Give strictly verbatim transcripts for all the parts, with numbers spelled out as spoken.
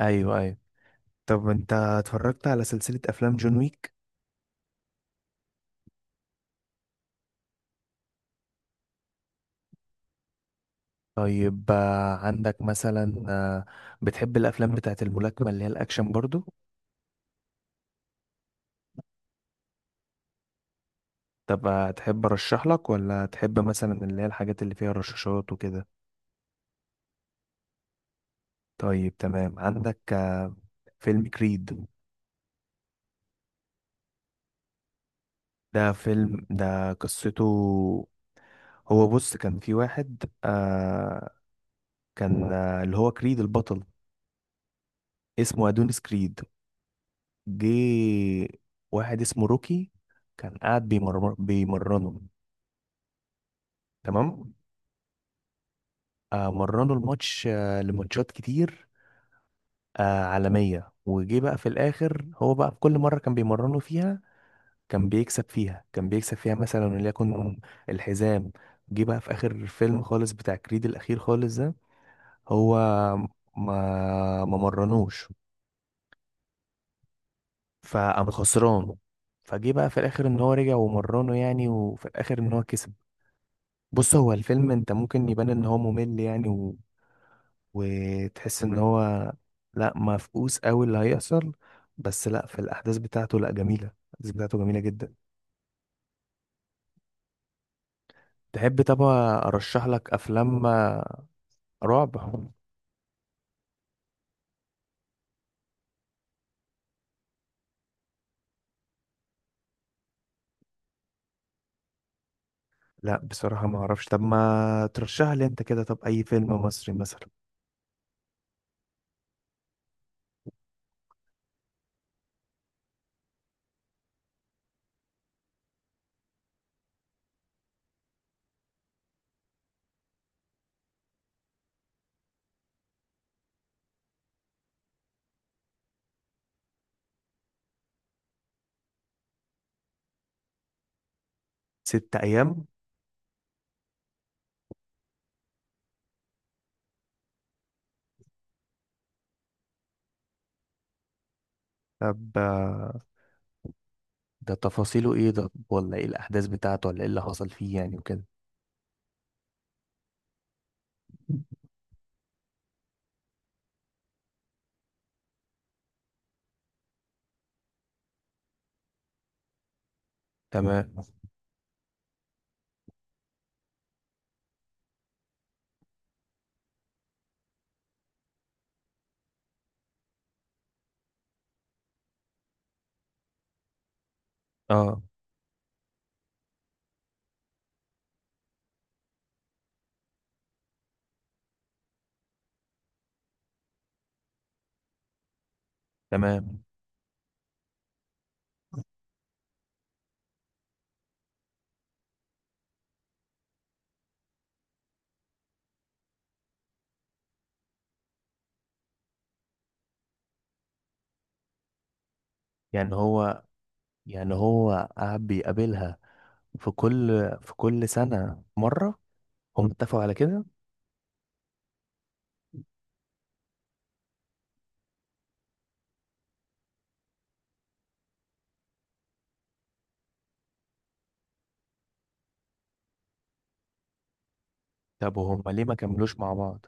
ايوه ايوه طب انت اتفرجت على سلسلة افلام جون ويك؟ طيب آه، عندك مثلا، آه، بتحب الافلام بتاعت الملاكمة اللي هي الاكشن برضو؟ طب آه، تحب ارشح لك ولا تحب مثلا اللي هي الحاجات اللي فيها رشاشات وكده؟ طيب تمام، عندك آه، فيلم كريد. ده فيلم ده قصته، هو بص كان في واحد آه كان آه اللي هو كريد البطل، اسمه ادونيس كريد. جه واحد اسمه روكي كان قاعد بيمر... بيمرنه، تمام. آه مرنه الماتش، آه لماتشات كتير آه عالمية، وجه بقى في الآخر هو بقى في كل مرة كان بيمرنه فيها كان بيكسب فيها كان بيكسب فيها مثلا وليكن الحزام. جه بقى في آخر فيلم خالص بتاع كريد الأخير خالص ده، هو ما ما مرنوش فقام خسران. فجه بقى في الآخر إن هو رجع ومرنه يعني، وفي الآخر إن هو كسب. بص هو الفيلم انت ممكن يبان ان هو ممل يعني و... وتحس ان هو لا مفقوس قوي اللي هيحصل، بس لا في الاحداث بتاعته، لا جميلة، الاحداث بتاعته جميلة جدا. تحب طبعا ارشح لك افلام آه، رعب؟ لا بصراحة ما اعرفش، طب ما ترشح لي انت كده، طب اي فيلم مصري مثلا؟ ست ايام؟ طب، آه، ده تفاصيله ايه ده، ولا ايه الاحداث بتاعته، ولا ايه اللي حصل فيه يعني وكده؟ تمام. اه، تمام. يعني هو يعني هو قعد بيقابلها في كل في كل سنة مرة؟ هم اتفقوا على كده؟ طب وهم ليه ما كملوش مع بعض؟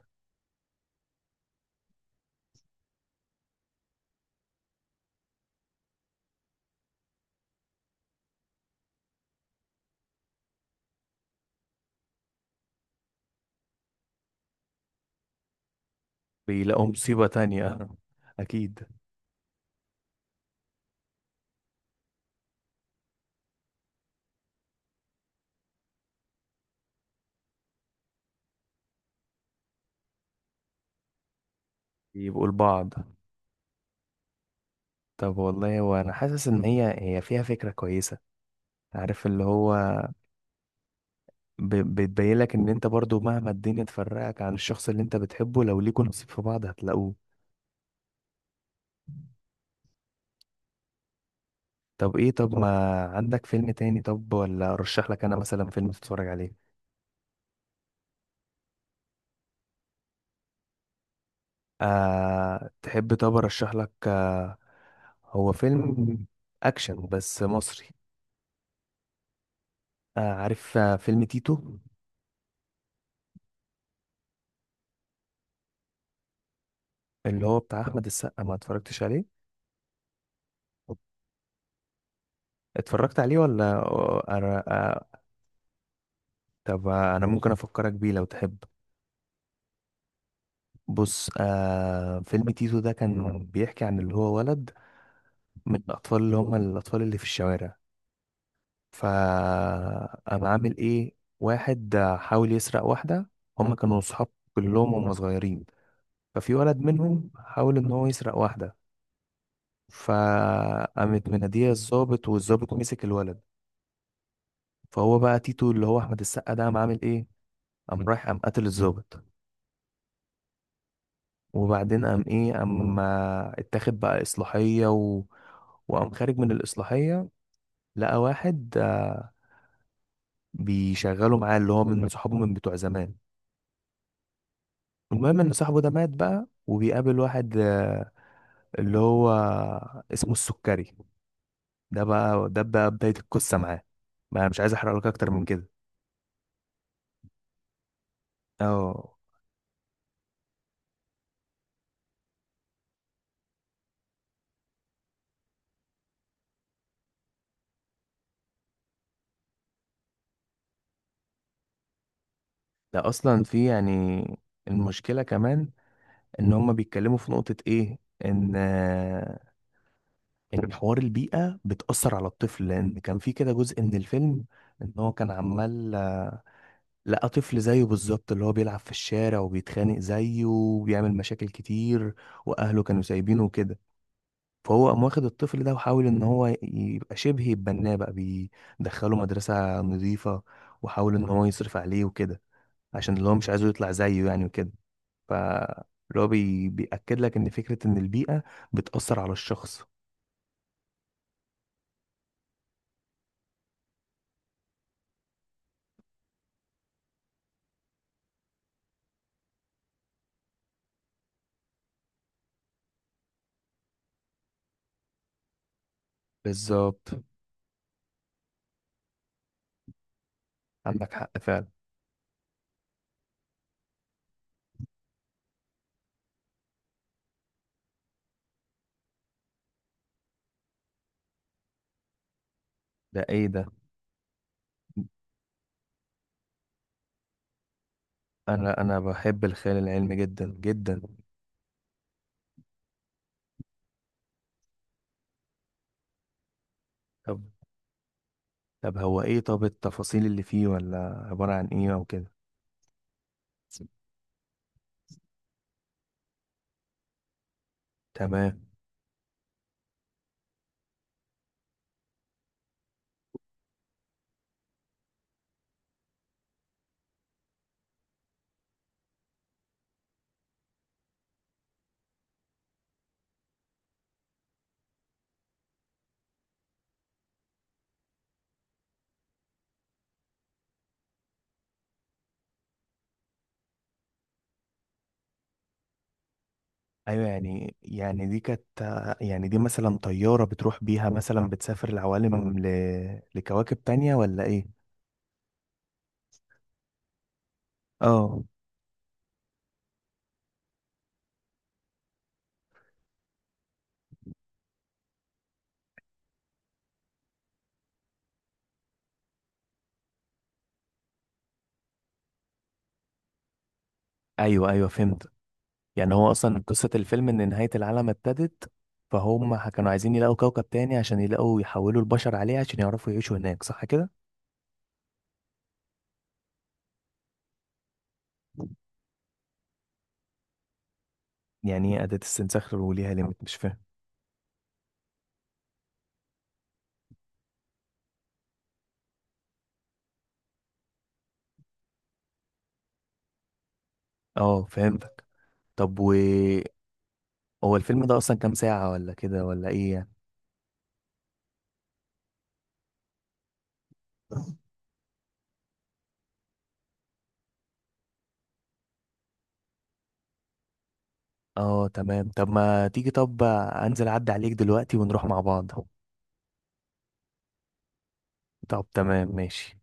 بيلاقوا مصيبة تانية أكيد. يبقوا لبعض. طب والله وأنا حاسس إن هي هي فيها فكرة كويسة، عارف اللي هو ب- بتبين لك إن أنت برضو مهما الدنيا تفرقك عن الشخص اللي أنت بتحبه لو ليكوا نصيب في بعض هتلاقوه. طب إيه، طب ما عندك فيلم تاني، طب ولا أرشح لك أنا مثلا فيلم تتفرج عليه؟ آه تحب طب ارشح لك، آه هو فيلم اكشن بس مصري. آه عارف آه فيلم تيتو؟ اللي هو بتاع احمد السقا، ما اتفرجتش عليه؟ اتفرجت عليه ولا آه، أنا... آه. طب آه، انا ممكن افكرك بيه لو تحب. بص آه فيلم تيتو ده كان بيحكي عن اللي هو ولد من الاطفال اللي هم الاطفال اللي في الشوارع، فقام عامل ايه واحد آه، حاول يسرق واحدة. هم كانوا صحاب كلهم هم صغيرين، ففي ولد منهم حاول ان هو يسرق واحده فقامت مناديه الضابط، والضابط مسك الولد. فهو بقى تيتو اللي هو احمد السقا ده قام عامل ايه، قام رايح قام قتل الضابط. وبعدين قام ايه، قام آه، اتاخد بقى اصلاحيه و... وقام خارج من الاصلاحيه، لقى واحد آه، بيشغله معاه اللي هو من صحابه من بتوع زمان. المهم ان صاحبه ده مات بقى، وبيقابل واحد آه، اللي هو اسمه السكري. ده بقى ده بقى بدايه القصه معاه، ما مش عايز احرق لك اكتر من كده. اه. ده اصلا في يعني المشكله كمان ان هما بيتكلموا في نقطه ايه، ان ان حوار البيئه بتاثر على الطفل، لان كان في كده جزء من الفيلم ان هو كان عمال لقى طفل زيه بالظبط اللي هو بيلعب في الشارع وبيتخانق زيه وبيعمل مشاكل كتير، واهله كانوا سايبينه وكده. فهو قام واخد الطفل ده وحاول ان هو يبقى شبه يتبناه بقى، بيدخله مدرسه نظيفه وحاول ان هو يصرف عليه وكده، عشان اللي هو مش عايزه يطلع زيه يعني وكده. فاللي هو بي... بيأكد لك ان فكرة ان البيئة بتأثر على الشخص. بالظبط. عندك حق فعلا. ده ايه ده؟ انا انا بحب الخيال العلمي جدا جدا. طب، طب هو ايه، طب التفاصيل اللي فيه ولا عبارة عن ايه او كده؟ تمام. ايوه، يعني يعني دي كانت، يعني دي مثلا طيارة بتروح بيها مثلا بتسافر العوالم ل... لكواكب تانية ولا ايه؟ اه. ايوه ايوه فهمت، يعني هو اصلا قصة الفيلم ان نهاية العالم ابتدت، فهم ح- كانوا عايزين يلاقوا كوكب تاني عشان يلاقوا يحولوا البشر عليه عشان يعرفوا يعيشوا هناك، صح كده؟ يعني ايه أداة استنساخ وليها ليميت، مش فاهم. اه فهمتك. طب و، هو الفيلم ده اصلا كام ساعة ولا كده ولا ايه يعني؟ اه تمام، طب ما تيجي، طب انزل اعدي عليك دلوقتي ونروح مع بعض. طب تمام ماشي.